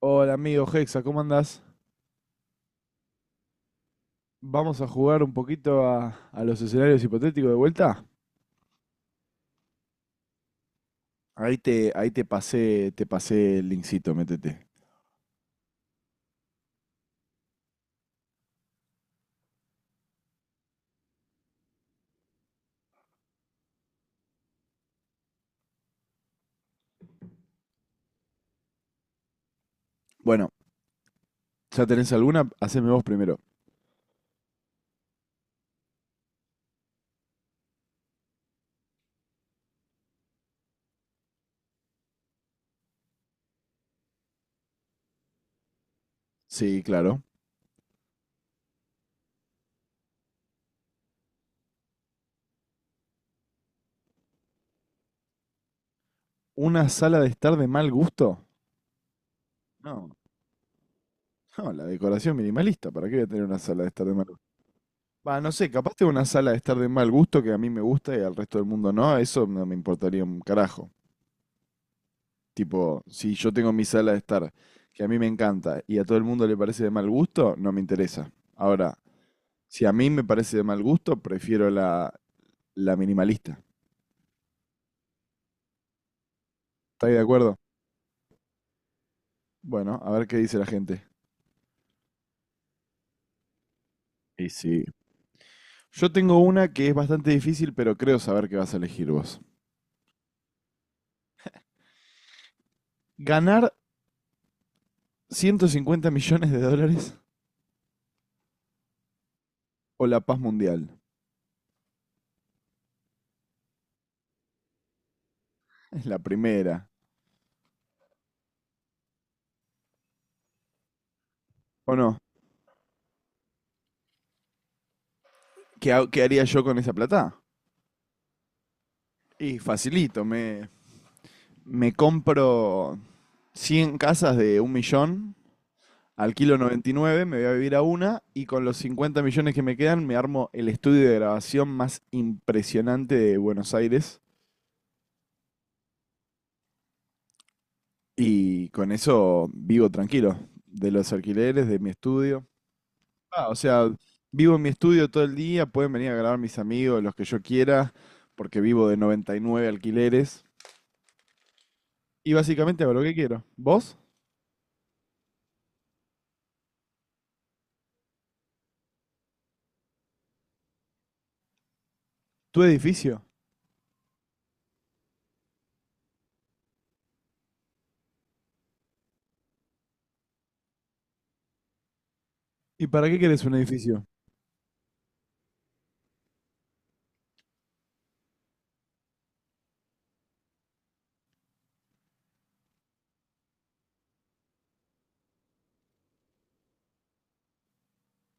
Hola amigo Hexa, ¿cómo andás? Vamos a jugar un poquito a los escenarios hipotéticos de vuelta. Ahí te pasé el linkcito, métete. Bueno, ¿ya tenés alguna? Haceme vos primero. Sí, claro. ¿Una sala de estar de mal gusto? No, no, la decoración minimalista, ¿para qué voy a tener una sala de estar de mal gusto? Va, no sé, capaz tengo una sala de estar de mal gusto que a mí me gusta y al resto del mundo no, eso no me importaría un carajo. Tipo, si yo tengo mi sala de estar, que a mí me encanta y a todo el mundo le parece de mal gusto, no me interesa. Ahora, si a mí me parece de mal gusto, prefiero la minimalista. ¿Estáis de acuerdo? Bueno, a ver qué dice la gente. Y sí. Yo tengo una que es bastante difícil, pero creo saber qué vas a elegir vos. ¿Ganar 150 millones de dólares o la paz mundial? Es la primera. ¿O no? ¿Qué, qué haría yo con esa plata? Y facilito, me compro 100 casas de un millón, alquilo 99, me voy a vivir a una y con los 50 millones que me quedan me armo el estudio de grabación más impresionante de Buenos Aires, y con eso vivo tranquilo, de los alquileres, de mi estudio. Ah, o sea, vivo en mi estudio todo el día, pueden venir a grabar mis amigos, los que yo quiera, porque vivo de 99 alquileres y básicamente hago lo que quiero. ¿Vos? ¿Tu edificio? ¿Y para qué querés un edificio?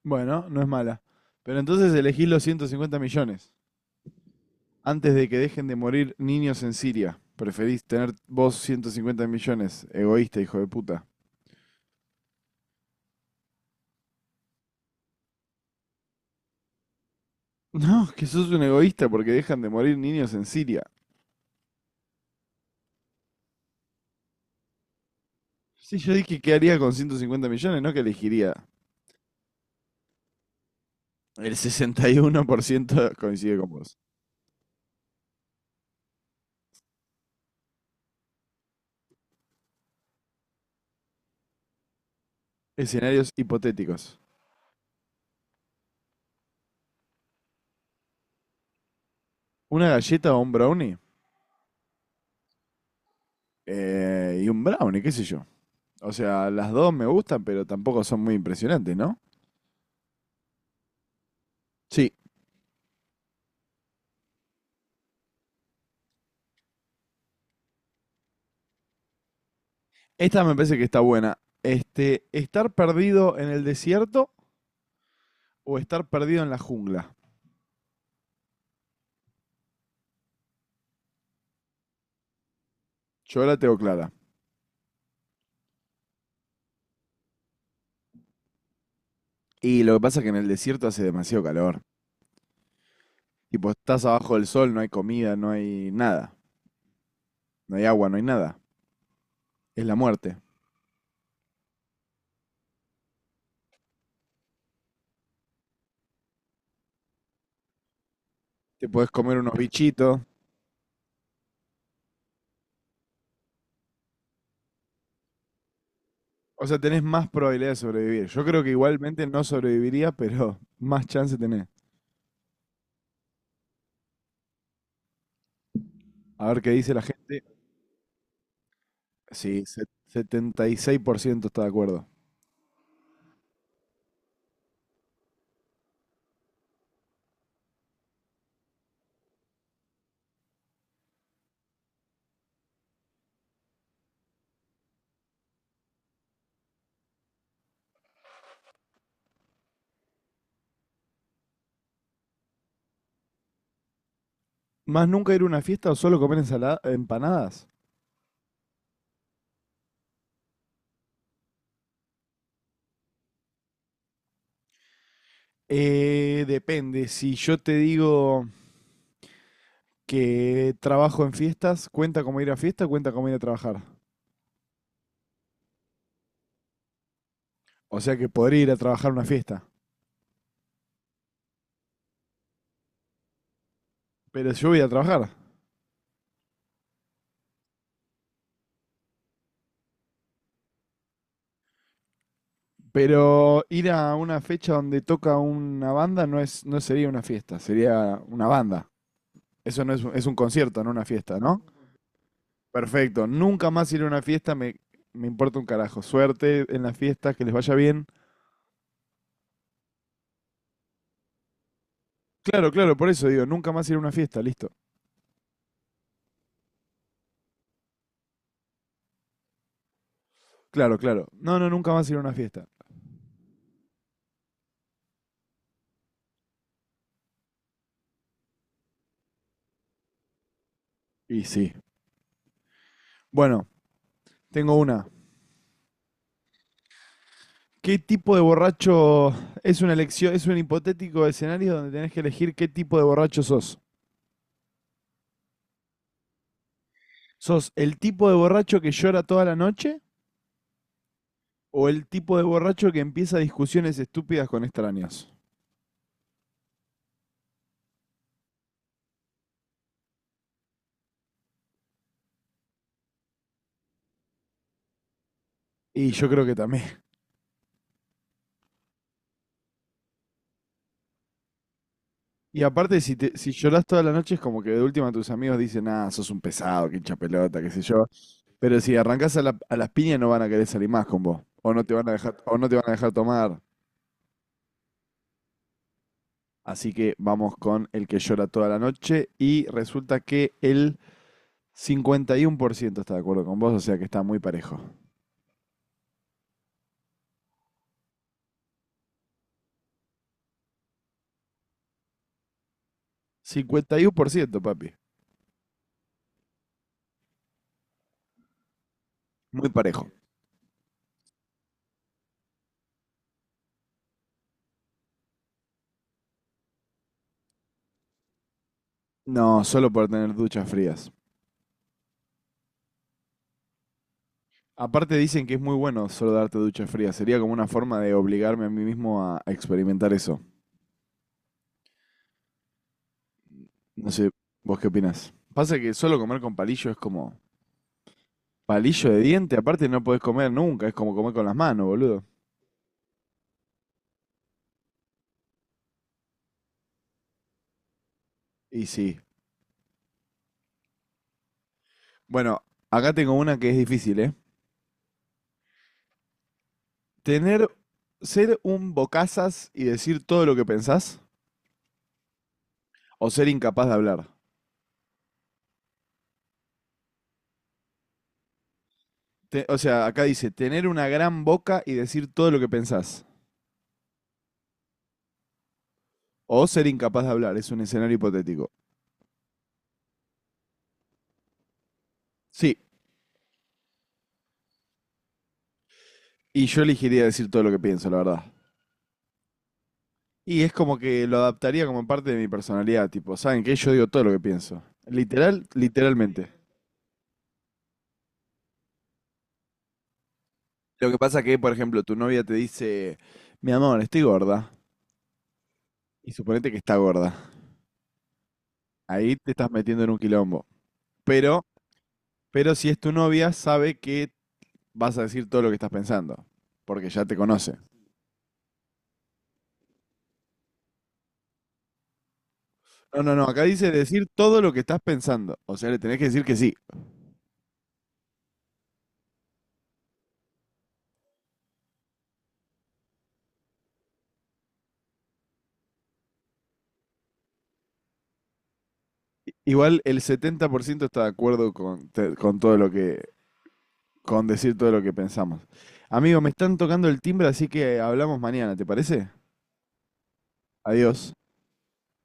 Bueno, no es mala. Pero entonces elegís los 150 millones. Antes de que dejen de morir niños en Siria, preferís tener vos 150 millones, egoísta, hijo de puta. No, que sos un egoísta porque dejan de morir niños en Siria. Sí, yo dije que haría con 150 millones, no que elegiría. El 61% coincide con vos. Escenarios hipotéticos. ¿Una galleta o un brownie? Y un brownie, qué sé yo. O sea, las dos me gustan, pero tampoco son muy impresionantes, ¿no? Sí. Esta me parece que está buena. Este, ¿estar perdido en el desierto o estar perdido en la jungla? Yo la tengo clara. Y lo que pasa es que en el desierto hace demasiado calor. Tipo, estás abajo del sol, no hay comida, no hay nada. No hay agua, no hay nada. Es la muerte. Te podés comer unos bichitos. O sea, tenés más probabilidad de sobrevivir. Yo creo que igualmente no sobreviviría, pero más chance tenés. A ver qué dice la gente. Sí, 76% está de acuerdo. ¿Más nunca ir a una fiesta o solo comer ensalada, empanadas? Depende. Si yo te digo que trabajo en fiestas, ¿cuenta como ir a fiesta o cuenta como ir a trabajar? O sea que podría ir a trabajar a una fiesta. Pero yo voy a trabajar. Pero ir a una fecha donde toca una banda no es, no sería una fiesta, sería una banda. Eso no es, es un concierto, no una fiesta, ¿no? Perfecto. Nunca más ir a una fiesta me importa un carajo. Suerte en las fiestas, que les vaya bien. Claro, claro, por eso digo, nunca más ir a una fiesta, listo. Claro, claro. No, no, nunca más ir a una fiesta. Y sí. Bueno, tengo una. ¿Qué tipo de borracho es una elección, es un hipotético escenario donde tenés que elegir qué tipo de borracho sos? ¿Sos el tipo de borracho que llora toda la noche o el tipo de borracho que empieza discusiones estúpidas con extraños? Y yo creo que también. Y aparte, si llorás toda la noche, es como que de última tus amigos dicen, ah, sos un pesado, que hincha pelota, qué sé yo. Pero si arrancás a las piñas, no van a querer salir más con vos. O no te van a dejar tomar. Así que vamos con el que llora toda la noche y resulta que el 51% está de acuerdo con vos, o sea que está muy parejo. 51%, papi. Muy parejo. No, solo por tener duchas frías. Aparte dicen que es muy bueno solo darte duchas frías. Sería como una forma de obligarme a mí mismo a experimentar eso. No sé, ¿vos qué opinás? Pasa que solo comer con palillo es como palillo de diente, aparte no podés comer nunca, es como comer con las manos, boludo. Y sí. Bueno, acá tengo una que es difícil, ¿eh? Tener ser un bocazas y decir todo lo que pensás o ser incapaz de hablar. O sea, acá dice tener una gran boca y decir todo lo que pensás o ser incapaz de hablar, es un escenario hipotético. Sí, y yo elegiría decir todo lo que pienso, la verdad. Y es como que lo adaptaría como parte de mi personalidad, tipo, ¿saben qué? Yo digo todo lo que pienso. Literalmente. Lo que pasa que, por ejemplo, tu novia te dice, mi amor, estoy gorda. Y suponete que está gorda. Ahí te estás metiendo en un quilombo. Pero, pero si es tu novia, sabe que vas a decir todo lo que estás pensando, porque ya te conoce. No, no, no, acá dice decir todo lo que estás pensando, o sea, le tenés que decir que sí. Igual el 70% está de acuerdo con todo lo que, con decir todo lo que pensamos. Amigo, me están tocando el timbre, así que hablamos mañana, ¿te parece? Adiós.